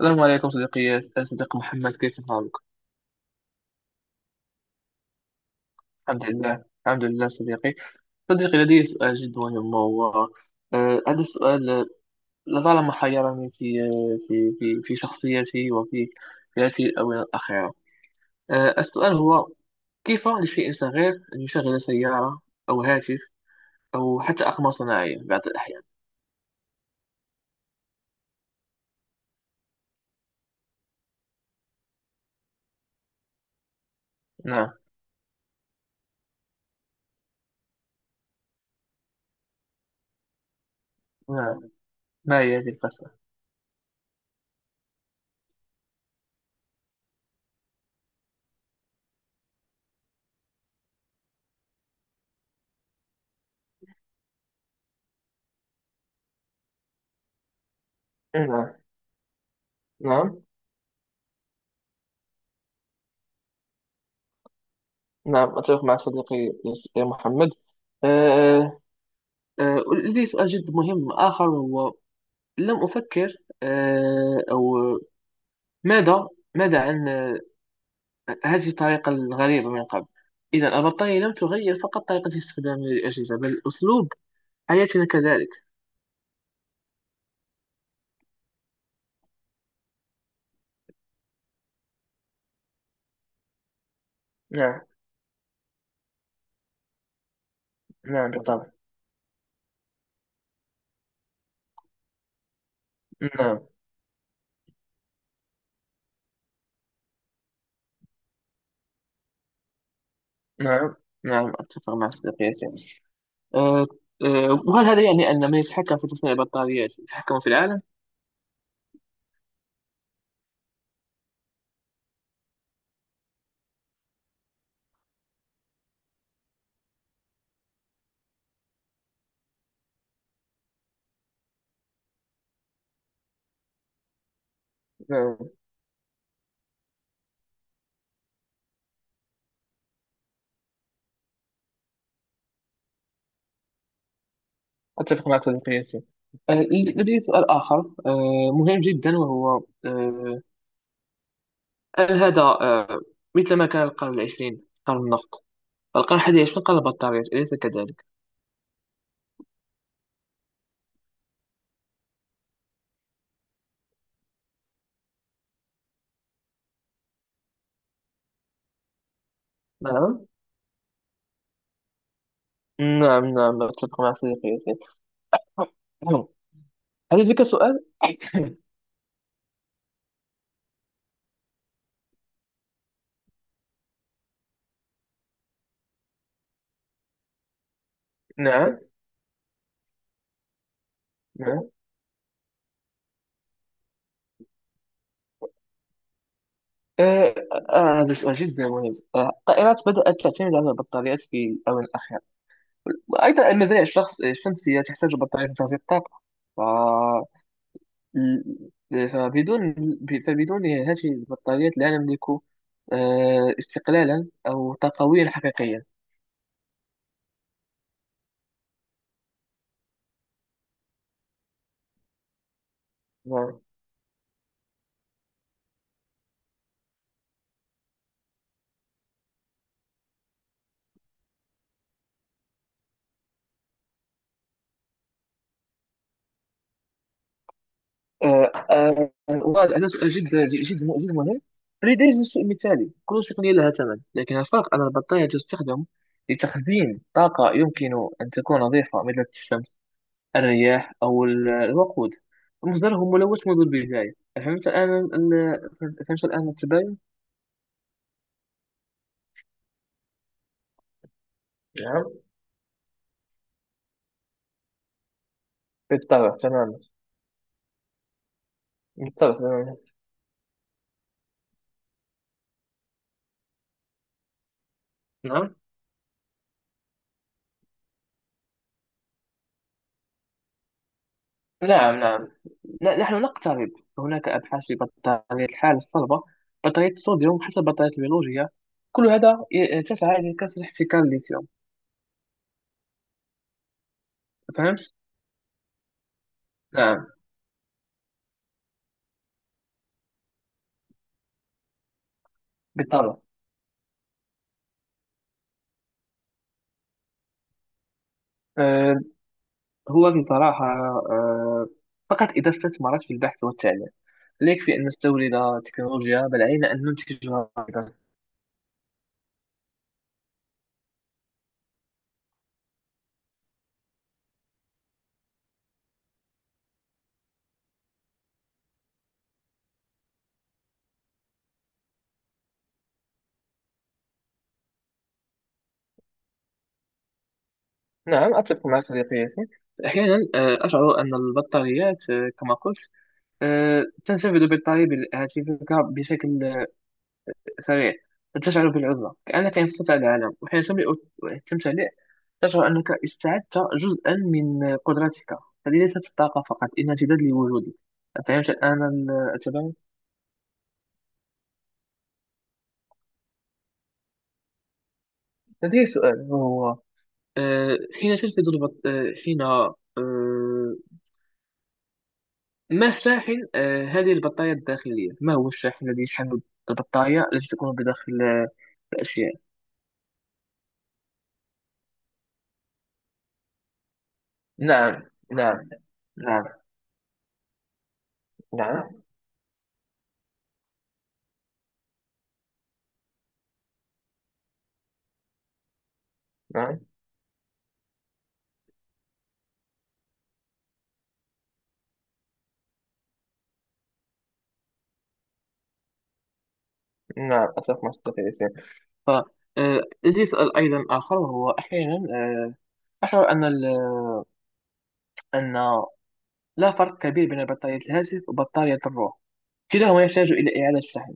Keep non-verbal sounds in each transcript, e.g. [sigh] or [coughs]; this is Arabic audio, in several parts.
السلام عليكم صديقي، يا صديق محمد، كيف حالك؟ الحمد لله الحمد لله صديقي. لدي سؤال جد مهم هو، هذا السؤال لطالما حيرني في، في شخصيتي وفي في هذه الآونة الأخيرة. السؤال هو، كيف لشيء صغير أن يشغل سيارة أو هاتف أو حتى أقمار صناعية بعض الأحيان؟ نعم، نعم. ما هي هذه القصة؟ نعم. نعم. نعم أتفق معك صديقي، يا محمد. لدي سؤال جد مهم آخر وهو، لم أفكر، أو ماذا، ماذا عن هذه الطريقة الغريبة من قبل؟ إذا البطارية لم تغير فقط طريقة استخدامنا للأجهزة بل أسلوب حياتنا كذلك. نعم. نعم بالطبع. نعم. نعم. نعم أتفق مع صديقي ياسين. آه، وهل هذا يعني أن من يتحكم في تصنيع البطاريات يتحكم في العالم؟ نعم أتفق معك صديقي ياسين. لدي سؤال آخر مهم جدا وهو، هل هذا، مثل ما كان القرن العشرين قرن النفط، القرن الحادي عشر قرن البطاريات، أليس كذلك؟ نعم. نعم نعم أتفق مع صديقي ياسين. [clears throat] هل لديك سؤال؟ [coughs] [laughs] نعم. نعم. آه، هذا سؤال جدا مهم. الطائرات بدأت تعتمد على البطاريات في الآونة الأخيرة، وأيضا المزارع الشمسية تحتاج بطاريات لتغذية الطاقة. ل- فبدون فبدون هذه البطاريات لا نملك استقلالا أو طاقويا حقيقيا. نعم. وهذا سؤال جد مهم لدرجة الشيء مثالي. كل تقنية لها ثمن، لكن الفرق أن البطارية تستخدم لتخزين طاقة يمكن أن تكون نظيفة مثل الشمس، الرياح، أو الوقود مصدره ملوث منذ البداية. فهمت الآن التباين؟ نعم بالطبع تماما. بالطبع تماما. نعم. نعم. نعم نحن نقترب. هناك أبحاث في بطارية الحال الصلبة، بطارية الصوديوم، حتى البطارية البيولوجية. كل هذا تسعى إلى كسر احتكار الليثيوم. فهمت؟ نعم بالطبع. أه هو بصراحة أه فقط إذا استثمرت في البحث والتعليم. لا يكفي أن نستورد تكنولوجيا بل علينا أن ننتجها أيضا. نعم أتفق معك صديقي ياسين. أحيانا أشعر أن البطاريات، كما قلت، تنسفذ بطاري هاتفك بشكل سريع، تشعر بالعزلة كأنك انفصلت عن العالم. وحين التمتلئ تشعر أنك استعدت جزءا من قدرتك. هذه ليست الطاقة فقط، إنها امتداد لوجودك. فهمت الآن التباين؟ لدي سؤال وهو، آه، حين تلفظ البط... آه، حين آه، ما الشاحن آه، هذه البطارية الداخلية؟ ما هو الشاحن الذي يشحن البطارية التي تكون بداخل الأشياء؟ نعم. نعم. نعم. نعم. نعم. نعم أتفق مع صديقي ياسين. ف آه، يجي يسأل أيضا آخر وهو، أحيانا أشعر أن أن لا فرق كبير بين بطارية الهاتف وبطارية الروح، كلاهما يحتاج إلى إعادة شحن.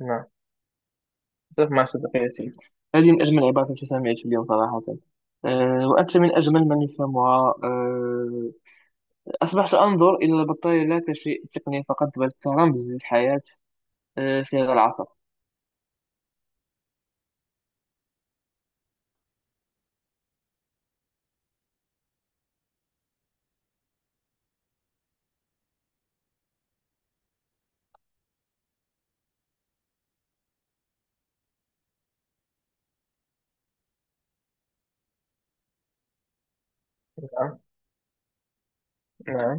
نعم أتفق مع صديقي ياسين. هذه من أجمل العبارات التي سمعت اليوم صراحة. وأنت من أجمل من يفهمها. أصبحت أنظر إلى البطارية لا كشيء تقني فقط بل كرمز للحياة في هذا العصر. نعم. نعم.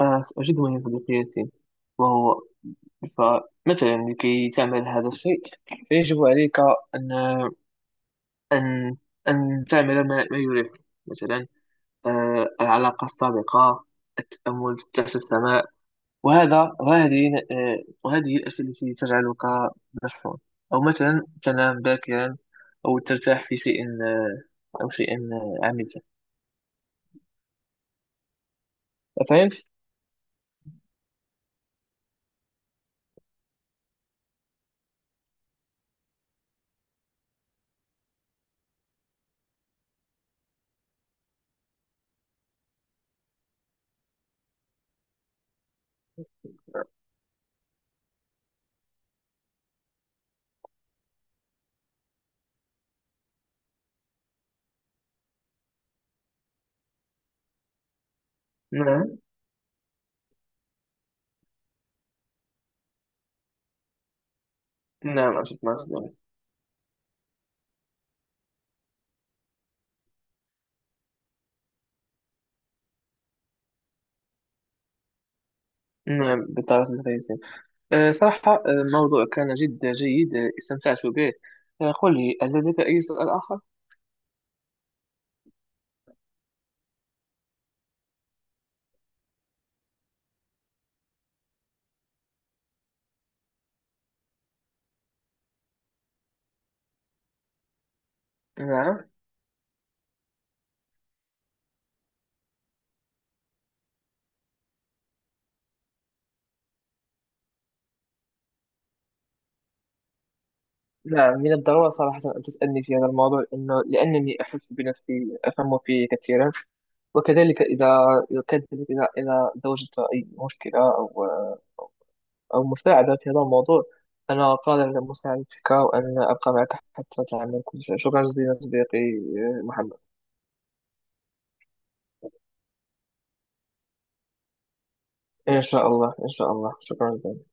أجد مهم صديقي ياسين، وهو، فمثلا لكي تعمل هذا الشيء فيجب عليك أن، أن أن تعمل ما يريحك. مثلا العلاقة السابقة، التأمل تحت السماء. وهذا وهذه آه، وهذه الأشياء التي تجعلك مشحون، أو مثلا تنام باكرا، أو ترتاح في شيء أو شيء عميق. فهمت؟ نعم. نعم أشوف ما أصدقائي. نعم بالطريقة الكويسة. صراحة الموضوع كان جدا جيد، استمتعت به. قل لي، هل لديك أي سؤال آخر؟ نعم. نعم من الضرورة صراحة أن تسألني في هذا الموضوع، لأنني أحس بنفسي أفهم فيه كثيرا. وكذلك إذا، كذلك إذا، إذا وجدت أي مشكلة أو مساعدة في هذا الموضوع، أنا قادر على مساعدتك وأن أبقى معك حتى تعمل كل شيء. شكرا جزيلا صديقي محمد. إن شاء الله، إن شاء الله، شكرا جزيلا.